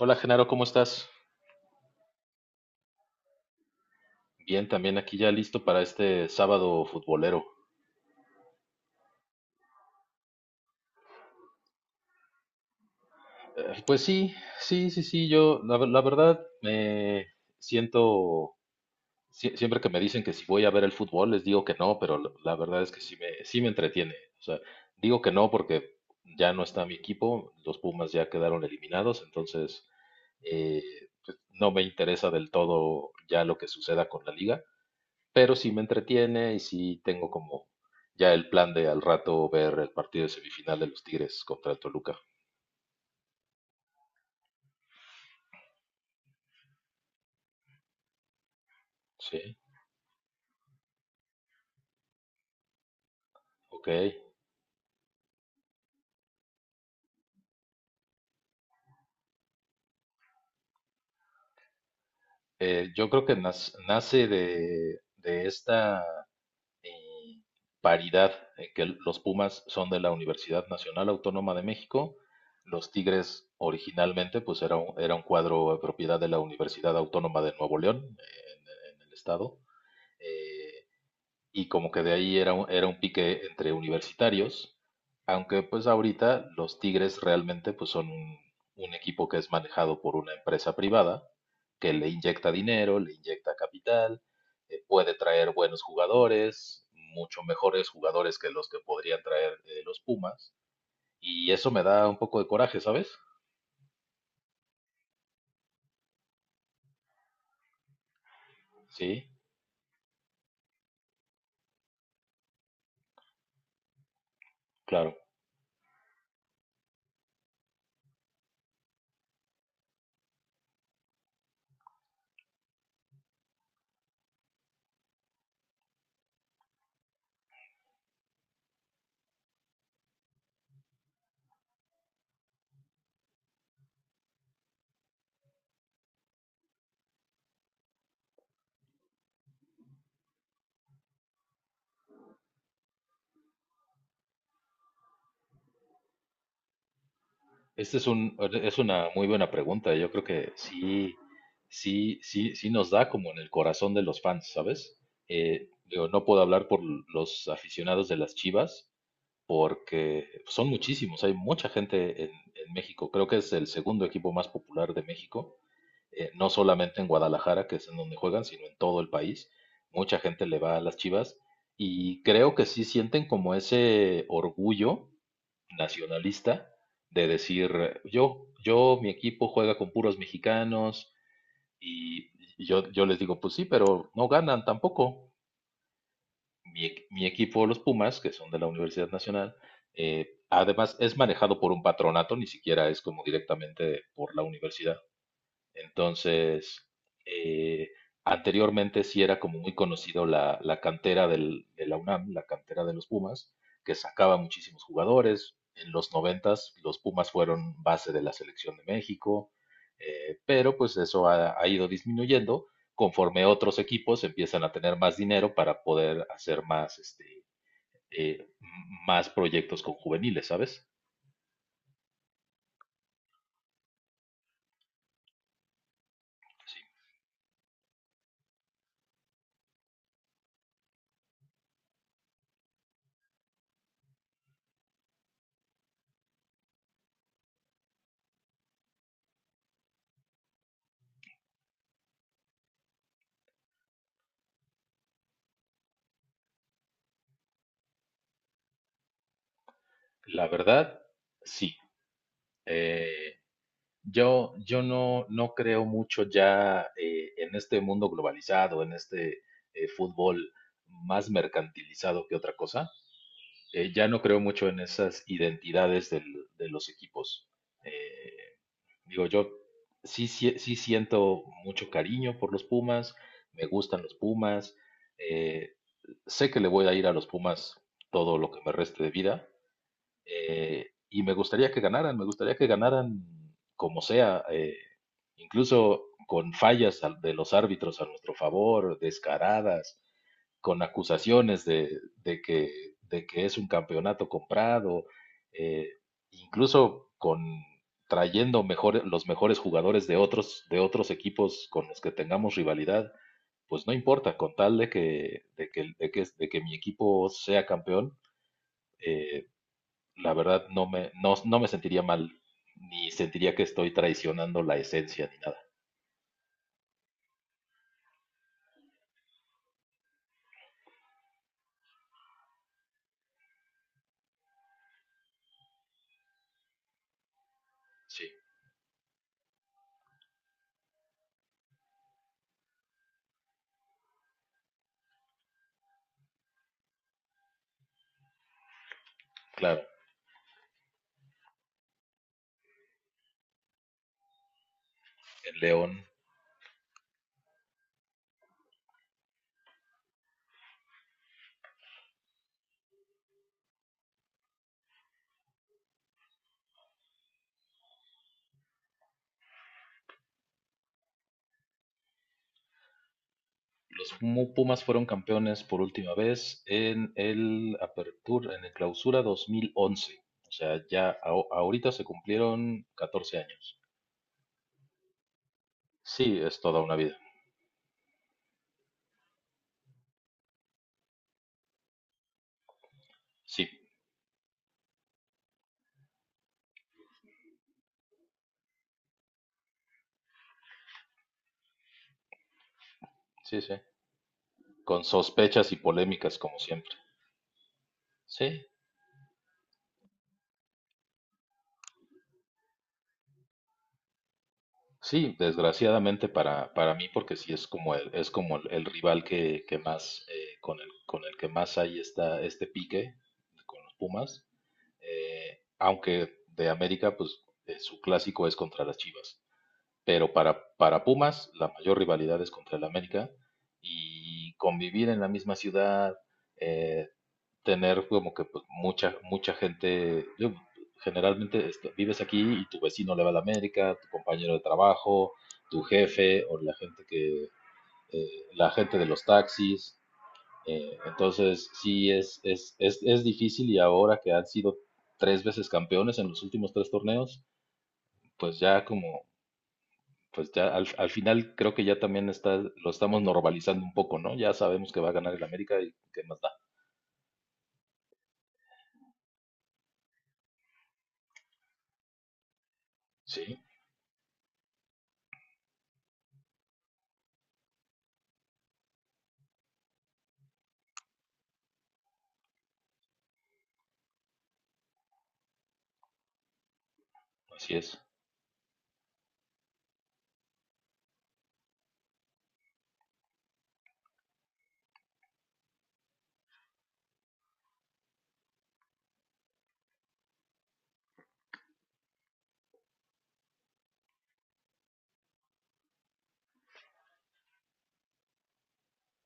Hola Genaro, ¿cómo estás? Bien, también aquí ya listo para este sábado futbolero. Pues sí, sí, sí, sí, yo la verdad me siento, siempre que me dicen que si voy a ver el fútbol, les digo que no, pero la verdad es que sí me entretiene. O sea, digo que no porque ya no está mi equipo, los Pumas ya quedaron eliminados, entonces eh, pues no me interesa del todo ya lo que suceda con la liga. Pero sí me entretiene y sí tengo como ya el plan de al rato ver el partido de semifinal de los Tigres contra el Toluca. Sí, ok. Yo creo que nace de esta eh, paridad en que los Pumas son de la Universidad Nacional Autónoma de México. Los Tigres originalmente pues era un cuadro de propiedad de la Universidad Autónoma de Nuevo León, en el estado. Eh, y como que de ahí era un pique entre universitarios, aunque pues ahorita los Tigres realmente pues son un equipo que es manejado por una empresa privada que le inyecta dinero, le inyecta capital, puede traer buenos jugadores, mucho mejores jugadores que los que podrían traer los Pumas, y eso me da un poco de coraje, ¿sabes? Sí, claro. Este es una muy buena pregunta. Yo creo que sí, sí, sí, sí nos da como en el corazón de los fans, ¿sabes? Digo, no puedo hablar por los aficionados de las Chivas, porque son muchísimos. Hay mucha gente en México. Creo que es el segundo equipo más popular de México, no solamente en Guadalajara, que es en donde juegan, sino en todo el país. Mucha gente le va a las Chivas y creo que sí sienten como ese orgullo nacionalista de decir, yo, mi equipo juega con puros mexicanos y yo les digo, pues sí, pero no ganan tampoco. Mi mi equipo, los Pumas, que son de la Universidad Nacional, además es manejado por un patronato, ni siquiera es como directamente por la universidad. Entonces, eh, anteriormente sí era como muy conocido la cantera de la UNAM, la cantera de los Pumas, que sacaba muchísimos jugadores. En los noventas los Pumas fueron base de la selección de México, pero pues eso ha, ha ido disminuyendo conforme otros equipos empiezan a tener más dinero para poder hacer más, eh, m- más proyectos con juveniles, ¿sabes? Sí. La verdad, sí. Eh, yo, yo no creo mucho ya, en este mundo globalizado, en este fútbol más mercantilizado que otra cosa. Ya no creo mucho en esas identidades de los equipos. Eh, digo, yo sí, sí sí siento mucho cariño por los Pumas, me gustan los Pumas, eh, sé que le voy a ir a los Pumas todo lo que me reste de vida, y me gustaría que ganaran, me gustaría que ganaran como sea, incluso con fallas de los árbitros a nuestro favor, descaradas, con acusaciones de, de que, de que es un campeonato comprado, eh, incluso con trayendo mejor, los mejores jugadores de otros equipos con los que tengamos rivalidad, pues no importa, con tal de que mi equipo sea campeón, eh, la verdad no me sentiría mal, ni sentiría que estoy traicionando la esencia ni nada. Sí, claro, el León. Los Pumas fueron campeones por última vez en el Apertura, en el Clausura 2011. O sea, ya ahorita se cumplieron 14 años. Sí, es toda una vida. Sí, sí, sí. Con sospechas y polémicas como siempre. Sí, sí, desgraciadamente para mí, porque sí es como el rival que más, con el que más hay está este pique con los Pumas, aunque de América, pues su clásico es contra las Chivas, pero para Pumas la mayor rivalidad es contra el América y convivir en la misma ciudad, eh, tener como que pues, mucha, mucha gente, yo, generalmente este, vives aquí y tu vecino le va a la América, tu compañero de trabajo, tu jefe o la gente la gente de los taxis. Entonces, sí, es difícil y ahora que han sido tres veces campeones en los últimos tres torneos, pues ya como, pues ya al final creo que ya también está, lo estamos normalizando un poco, ¿no? Ya sabemos que va a ganar el América y qué más da. Sí, así es.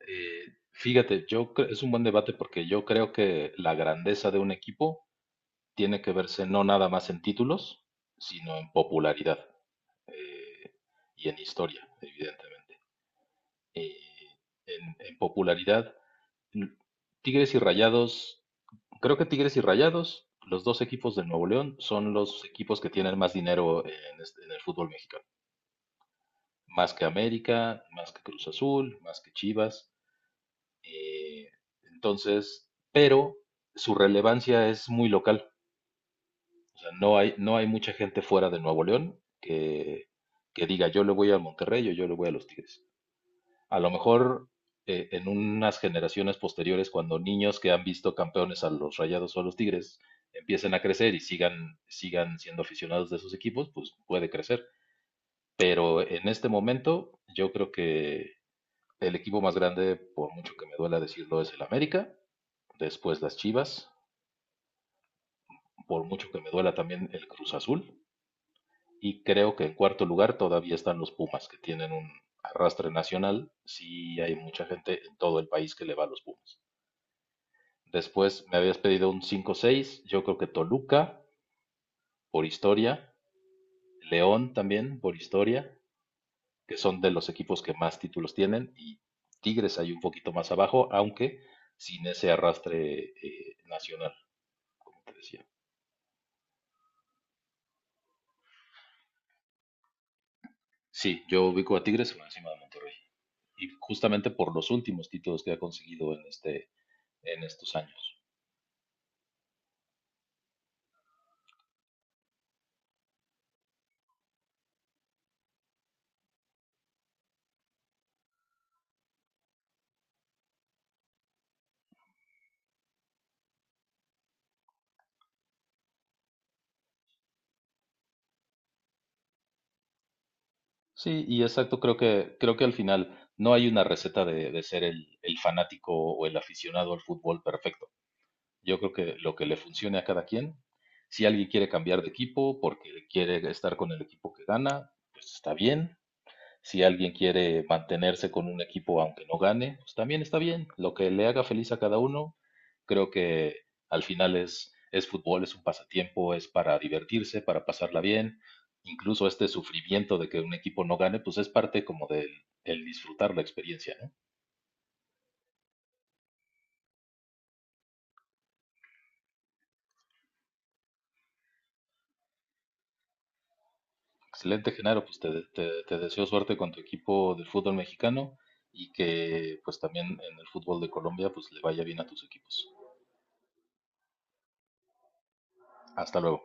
Fíjate, yo es un buen debate porque yo creo que la grandeza de un equipo tiene que verse no nada más en títulos, sino en popularidad, eh, y en historia, evidentemente. Y en popularidad, l- Tigres y Rayados, creo que Tigres y Rayados, los dos equipos del Nuevo León, son los equipos que tienen más dinero en, en el fútbol mexicano. Más que América, más que Cruz Azul, más que Chivas. Eh, entonces, pero su relevancia es muy local. O sea, no hay mucha gente fuera de Nuevo León que diga yo le voy al Monterrey o yo le voy a los Tigres. A lo mejor en unas generaciones posteriores, cuando niños que han visto campeones a los Rayados o a los Tigres empiecen a crecer y sigan, sigan siendo aficionados de esos equipos, pues puede crecer. Pero en este momento yo creo que el equipo más grande, por mucho que me duela decirlo, es el América. Después las Chivas. Por mucho que me duela también el Cruz Azul. Y creo que en cuarto lugar todavía están los Pumas, que tienen un arrastre nacional. Sí hay mucha gente en todo el país que le va a los Pumas. Después me habías pedido un cinco seis. Yo creo que Toluca, por historia. León también, por historia. Que son de los equipos que más títulos tienen. Y Tigres hay un poquito más abajo, aunque sin ese arrastre nacional, te decía. Sí, yo ubico a Tigres por encima de Monterrey. Y justamente por los últimos títulos que ha conseguido en este, en estos años. Sí, y exacto, creo que al final no hay una receta de ser el fanático o el aficionado al fútbol perfecto. Yo creo que lo que le funcione a cada quien, si alguien quiere cambiar de equipo porque quiere estar con el equipo que gana, pues está bien. Si alguien quiere mantenerse con un equipo aunque no gane, pues también está bien. Lo que le haga feliz a cada uno, creo que al final es fútbol, es un pasatiempo, es para divertirse, para pasarla bien. Incluso este sufrimiento de que un equipo no gane, pues es parte como del, del disfrutar la experiencia, ¿no? Excelente, Genaro, pues te, te deseo suerte con tu equipo del fútbol mexicano y que pues también en el fútbol de Colombia pues le vaya bien a tus equipos. Hasta luego.